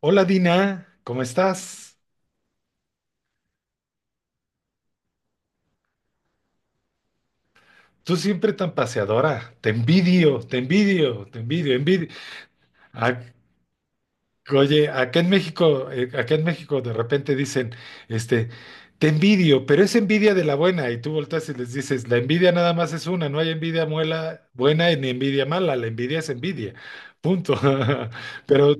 Hola Dina, ¿cómo estás? Tú siempre tan paseadora. Te envidio, te envidio, te envidio, envidio. Ah, oye, acá en México de repente dicen, este, te envidio, pero es envidia de la buena. Y tú volteas y les dices, la envidia nada más es una, no hay envidia buena ni envidia mala, la envidia es envidia. Punto. Pero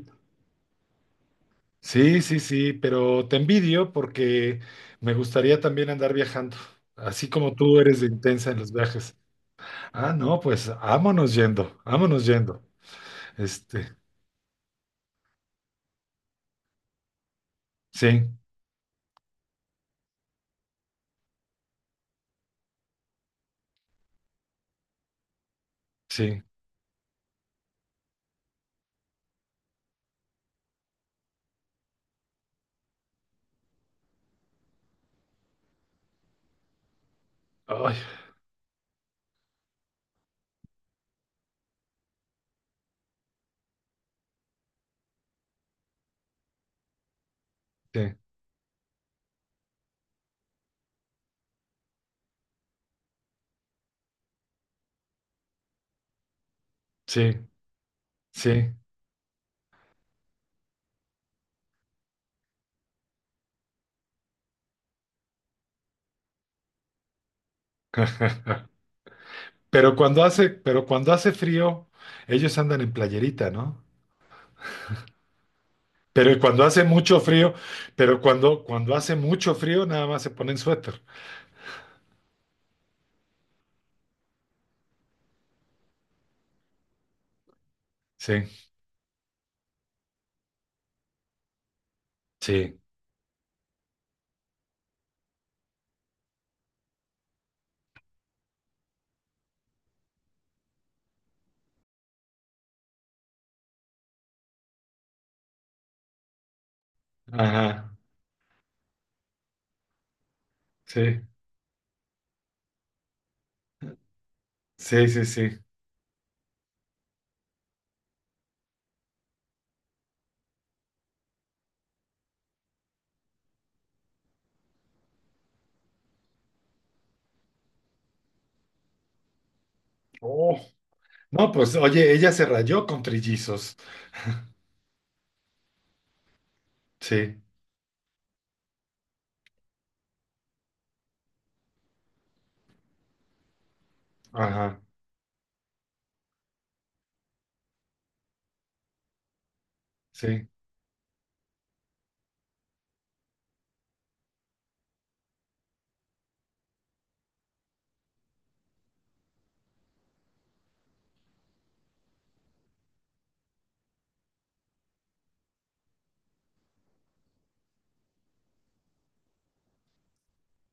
sí, sí, sí, pero te envidio porque me gustaría también andar viajando, así como tú eres de intensa en los viajes. Ah, no, pues vámonos yendo, vámonos yendo. Este, sí, sí, ay, sí, sí, sí. Pero cuando hace frío, ellos andan en playerita, ¿no? Pero cuando hace mucho frío, cuando hace mucho frío, nada más se ponen suéter. Sí, sí, ajá, sí, sí, sí, sí. Oh, no, pues oye, ella se rayó con trillizos. Sí, ajá, sí,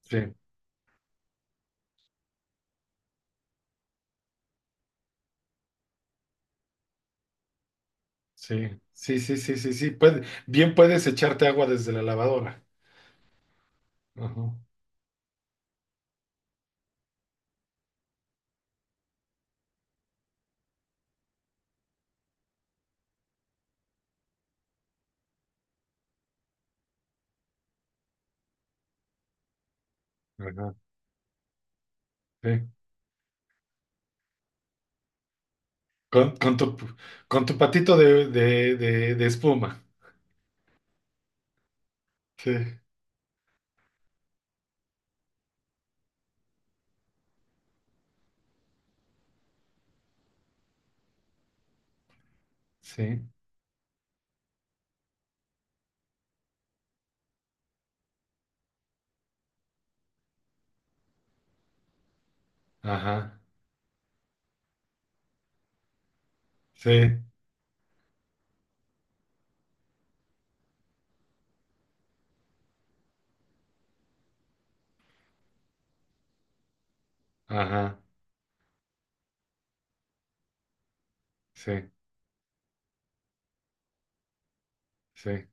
sí. Sí, sí, sí, sí, sí, sí. Bien puedes echarte agua desde la lavadora. Ajá, ajá, sí. Con, con tu, con tu patito de espuma. Sí, sí, ajá, sí, ajá, sí, sí,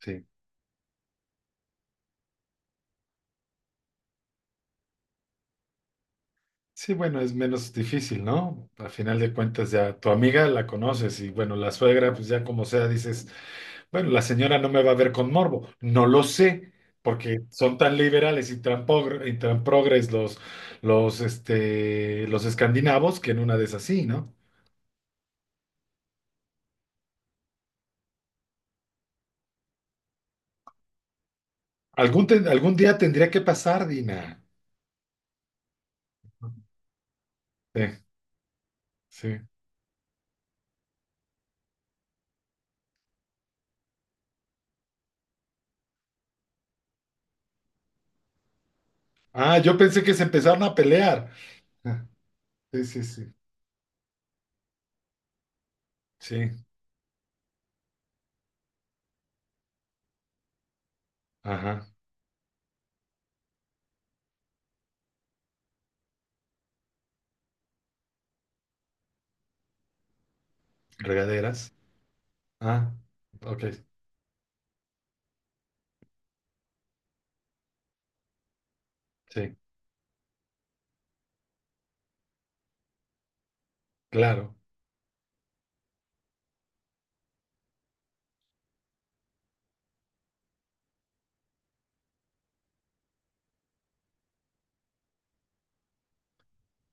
sí. Sí, bueno, es menos difícil, ¿no? A final de cuentas ya tu amiga la conoces y bueno, la suegra, pues ya como sea, dices, bueno, la señora no me va a ver con morbo. No lo sé, porque son tan liberales y tan, y tan progres los, los escandinavos que en una de esas sí, ¿no? Algún día tendría que pasar, Dina. Sí, sí. Ah, yo pensé que se empezaron a pelear. Ah, sí, sí, sí. Sí, ajá. Regaderas. Ah, ok, sí. Claro.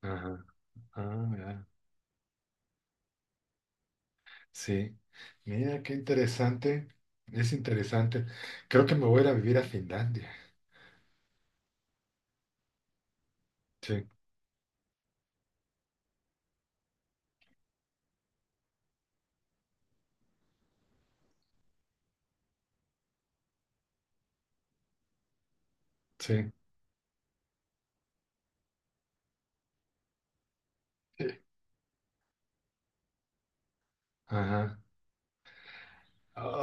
Ajá. Ah, mira. Sí. Mira, qué interesante. Es interesante. Creo que me voy a ir a vivir a Finlandia. Sí, sí. Ajá.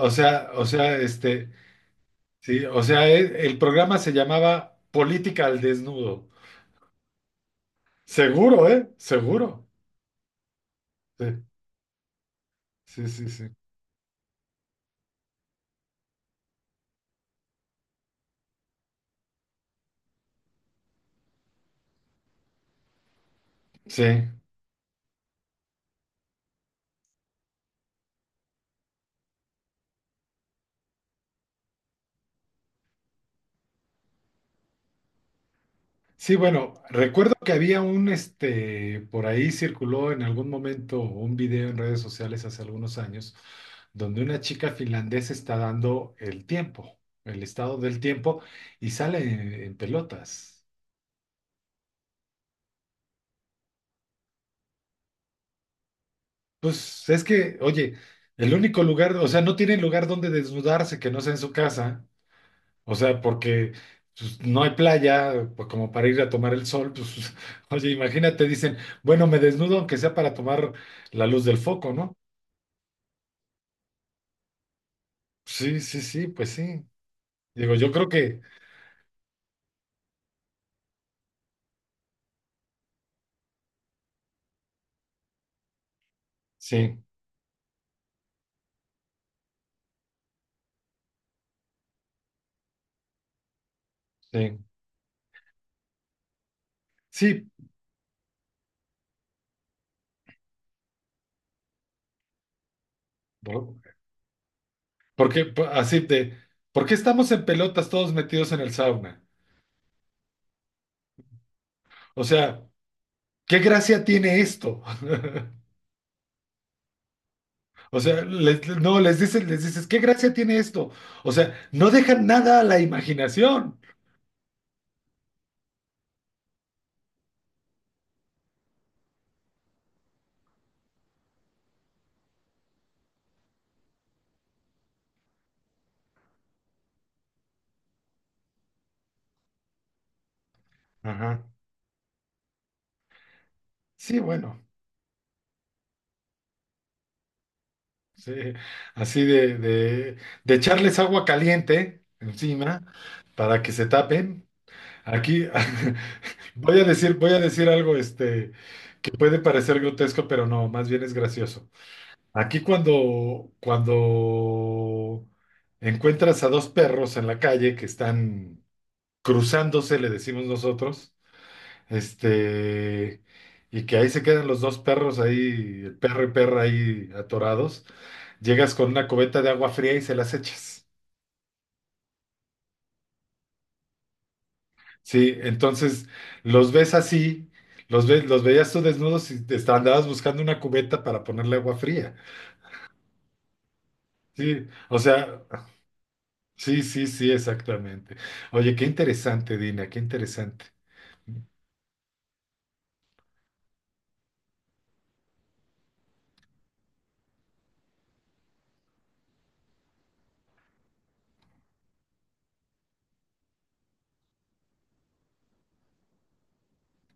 O sea, sí, o sea, el programa se llamaba Política al Desnudo. Seguro, ¿eh? Seguro. Sí, sí, sí, sí. Sí. Sí, bueno, recuerdo que había este, por ahí circuló en algún momento un video en redes sociales hace algunos años, donde una chica finlandesa está dando el tiempo, el estado del tiempo, y sale en pelotas. Pues es que, oye, el único lugar, o sea, no tiene lugar donde desnudarse que no sea en su casa, o sea, porque pues, no hay playa, pues, como para ir a tomar el sol, pues, oye, imagínate, dicen, bueno, me desnudo aunque sea para tomar la luz del foco, ¿no? Sí, sí, sí, pues sí. Digo, yo creo que sí, sí, sí, por- porque así de, ¿por qué estamos en pelotas todos metidos en el sauna? O sea, ¿qué gracia tiene esto? O sea, no, les dices, ¿qué gracia tiene esto? O sea, no dejan nada a la imaginación. Ajá. Sí, bueno, sí, así de echarles agua caliente encima para que se tapen. Aquí voy a decir algo, este. Que puede parecer grotesco, pero no, más bien es gracioso. Aquí cuando encuentras a dos perros en la calle que están cruzándose, le decimos nosotros, este, y que ahí se quedan los dos perros ahí, el perro y perra ahí atorados, llegas con una cubeta de agua fría y se las echas. Sí, entonces los ves así, los ves, los veías tú desnudos y te andabas buscando una cubeta para ponerle agua fría. Sí, o sea, sí, sí, sí, exactamente. Oye, qué interesante, Dina, qué interesante.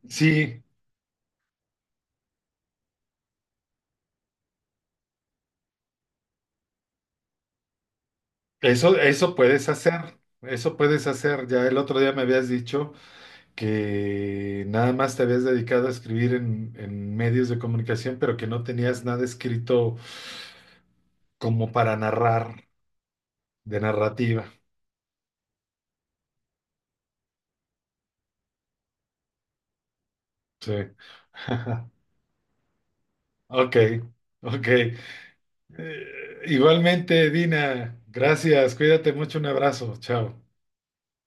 Sí, eso puedes hacer, eso puedes hacer. Ya el otro día me habías dicho que nada más te habías dedicado a escribir en medios de comunicación, pero que no tenías nada escrito como para narrar, de narrativa. Sí. Ok, ok. Eh, igualmente, Dina, gracias, cuídate mucho, un abrazo, chao.